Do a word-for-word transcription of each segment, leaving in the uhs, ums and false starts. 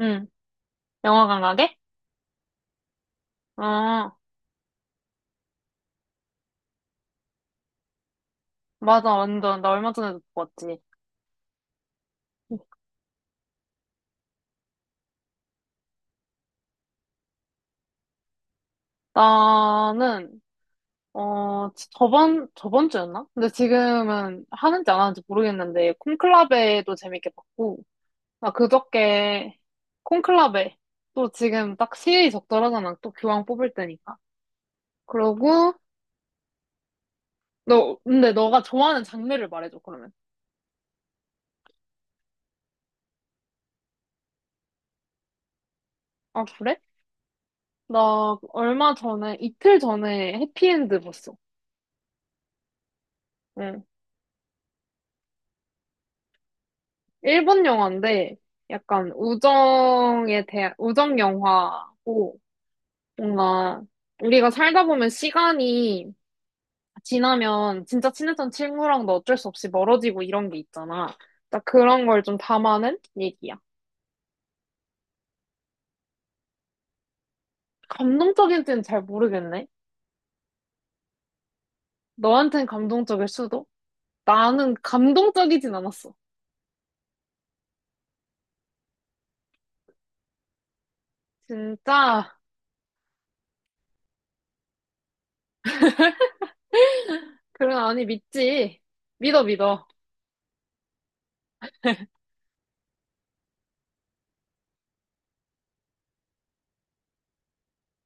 응, 영화관 가게? 아, 맞아, 완전. 나 얼마 전에도 보고 왔지. 나는, 어, 지- 저번, 저번 주였나? 근데 지금은 하는지 안 하는지 모르겠는데, 콘클라베도 재밌게 봤고, 나 그저께 콘클라베, 또 지금 딱 시의 적절하잖아. 또 교황 뽑을 때니까. 그러고, 너, 근데 너가 좋아하는 장르를 말해줘, 그러면. 아, 그래? 나 얼마 전에, 이틀 전에 해피엔드 봤어. 응. 일본 영화인데 약간 우정에 대한 우정 영화고 뭔가 우리가 살다 보면 시간이 지나면 진짜 친했던 친구랑도 어쩔 수 없이 멀어지고 이런 게 있잖아. 딱 그런 걸 좀 담아낸 얘기야. 감동적인지는 잘 모르겠네. 너한텐 감동적일 수도? 나는 감동적이진 않았어. 진짜? 그런 아니 믿지? 믿어 믿어.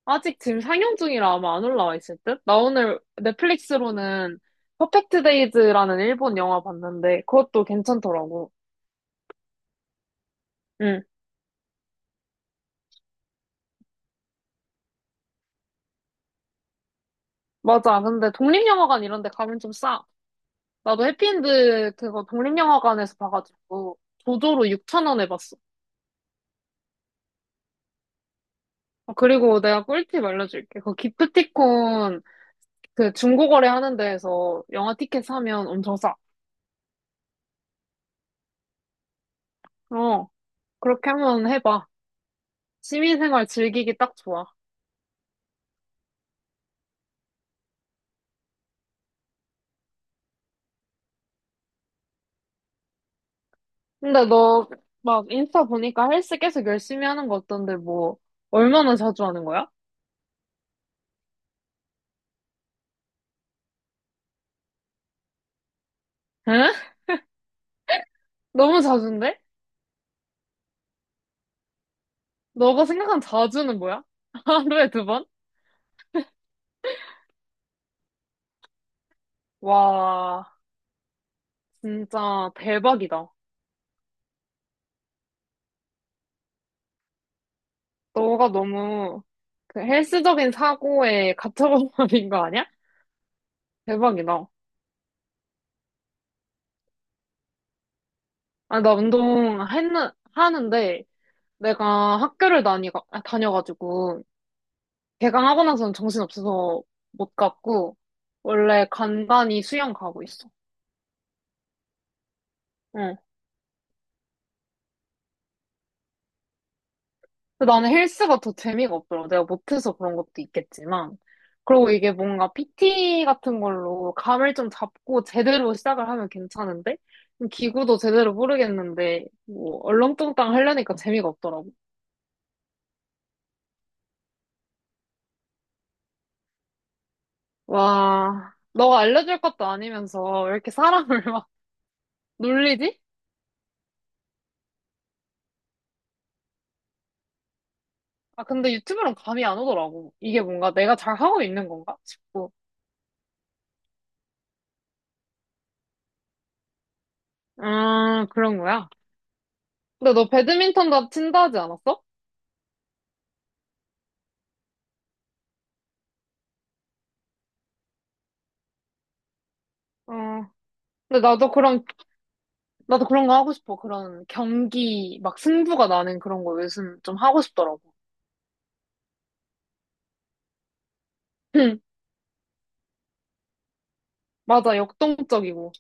아직 지금 상영 중이라 아마 안 올라와 있을 듯? 나 오늘 넷플릭스로는 퍼펙트 데이즈라는 일본 영화 봤는데 그것도 괜찮더라고. 응, 맞아. 근데 독립영화관 이런 데 가면 좀 싸. 나도 해피엔드 그거 독립영화관에서 봐가지고 조조로 육천 원에 봤어. 아, 그리고 내가 꿀팁 알려줄게. 그 기프티콘 그 중고거래 하는 데에서 영화 티켓 사면 엄청 싸. 어, 그렇게 한번 해봐. 시민생활 즐기기 딱 좋아. 근데 너 막 인스타 보니까 헬스 계속 열심히 하는 거 어떤데 뭐 얼마나 자주 하는 거야? 응? 너무 자주인데? 너가 생각한 자주는 뭐야? 하루에 두 번? 와, 진짜 대박이다. 너가 너무 그 헬스적인 사고에 갇혀버린 거 아니야? 대박이다. 아, 나 운동 했는, 하는데 내가 학교를 다니가, 아, 다녀가지고 개강하고 나서는 정신없어서 못 갔고 원래 간간히 수영 가고 있어. 응. 근데 나는 헬스가 더 재미가 없더라고. 내가 못해서 그런 것도 있겠지만. 그리고 이게 뭔가 피티 같은 걸로 감을 좀 잡고 제대로 시작을 하면 괜찮은데? 기구도 제대로 모르겠는데, 뭐, 얼렁뚱땅 하려니까 재미가 없더라고. 와, 너가 알려줄 것도 아니면서 왜 이렇게 사람을 막 놀리지? 아, 근데 유튜브랑 감이 안 오더라고. 이게 뭔가 내가 잘하고 있는 건가 싶고. 아, 그런 거야. 근데 너 배드민턴도 친다 하지 않았어? 어. 근데 나도 그런 나도 그런 거 하고 싶어. 그런 경기, 막 승부가 나는 그런 거 요즘 좀 하고 싶더라고. 응, 맞아, 역동적이고.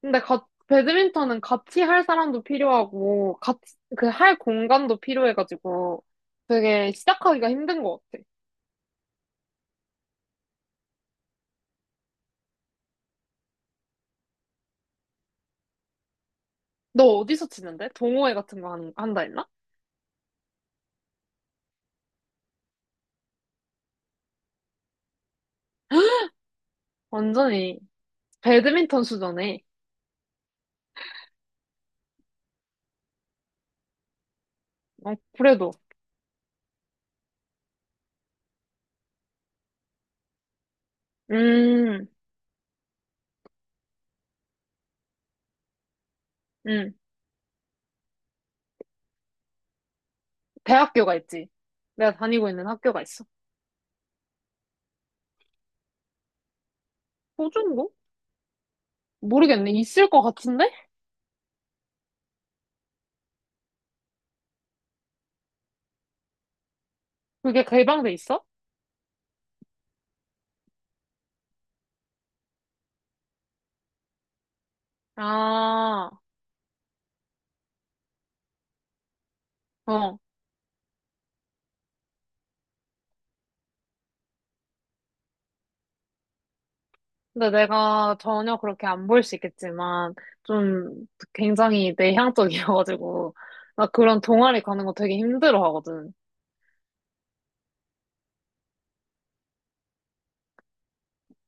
근데 가, 배드민턴은 같이 할 사람도 필요하고, 같이, 그 할 공간도 필요해가지고, 되게 시작하기가 힘든 것 같아. 너 어디서 치는데? 동호회 같은 거 한, 한다 했나? 완전히 배드민턴 수준에. 어, 그래도. 음, 음. 대학교가 있지. 내가 다니고 있는 학교가 있어. 호주인가? 모르겠네. 있을 것 같은데? 그게 개방돼 있어? 아, 어. 근데 내가 전혀 그렇게 안 보일 수 있겠지만, 좀 굉장히 내향적이어가지고, 나 그런 동아리 가는 거 되게 힘들어 하거든.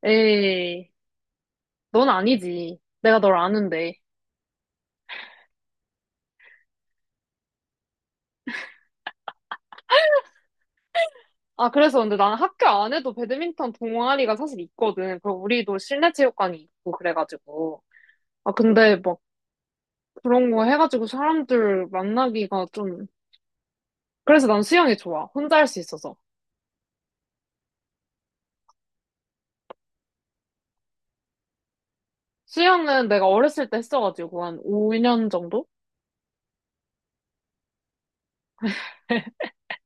에이, 넌 아니지. 내가 널 아는데. 아, 그래서 근데 나는 학교 안에도 배드민턴 동아리가 사실 있거든. 그리고 우리도 실내 체육관이 있고 그래가지고. 아, 근데 막 그런 거 해가지고 사람들 만나기가 좀, 그래서 난 수영이 좋아. 혼자 할 수 있어서. 수영은 내가 어렸을 때 했어가지고 한 오 년 정도?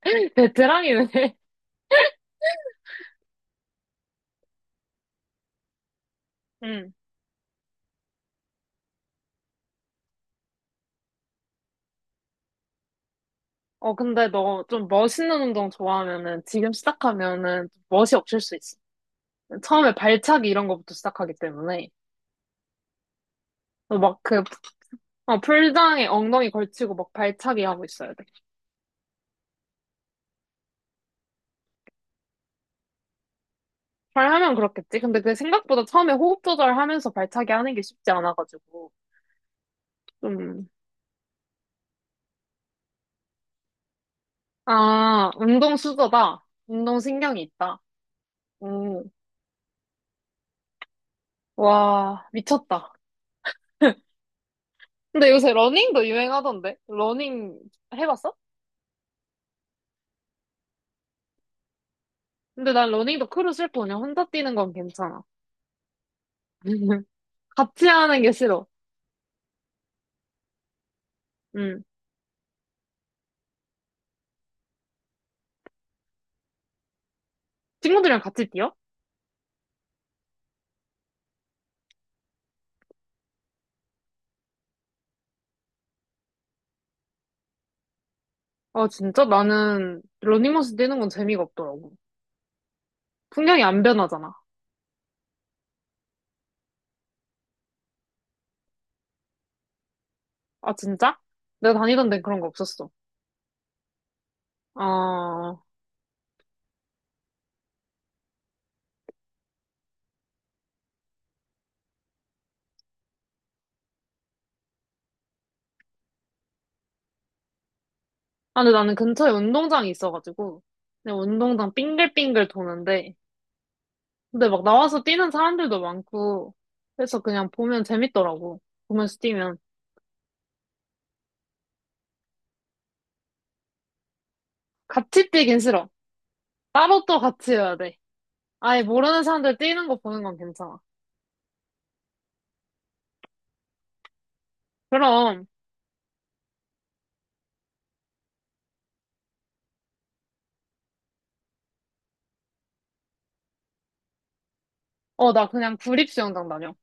베테랑이네. 응. 어, 근데 너 좀 멋있는 운동 좋아하면은 지금 시작하면은 좀 멋이 없을 수 있어. 처음에 발차기 이런 거부터 시작하기 때문에. 막 그, 어, 풀장에 엉덩이 걸치고 막 발차기 하고 있어야 돼. 잘 하면 그렇겠지. 근데 그 생각보다 처음에 호흡 조절하면서 발차기 하는 게 쉽지 않아가지고. 좀, 아, 운동 수저다. 운동 신경이 있다. 음, 와, 미쳤다. 근데 요새 러닝도 유행하던데? 러닝 해봤어? 근데 난 러닝도 크루 싫고 그냥 혼자 뛰는 건 괜찮아. 같이 하는 게 싫어. 응. 친구들이랑 같이 뛰어? 아, 진짜? 나는 러닝머신 뛰는 건 재미가 없더라고. 풍경이 안 변하잖아. 아, 진짜? 내가 다니던 데는 그런 거 없었어. 아, 아, 근데 나는 근처에 운동장이 있어가지고, 그냥 운동장 빙글빙글 도는데, 근데 막 나와서 뛰는 사람들도 많고, 그래서 그냥 보면 재밌더라고. 보면서 뛰면. 같이 뛰긴 싫어. 따로 또 같이 해야 돼. 아예 모르는 사람들 뛰는 거 보는 건 괜찮아. 그럼, 어, 나 그냥 구립 수영장 다녀.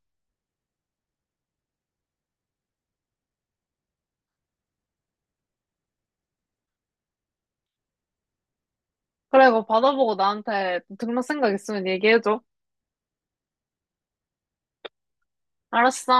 그래, 그거 받아보고 나한테 등록 생각 있으면 얘기해줘. 알았어.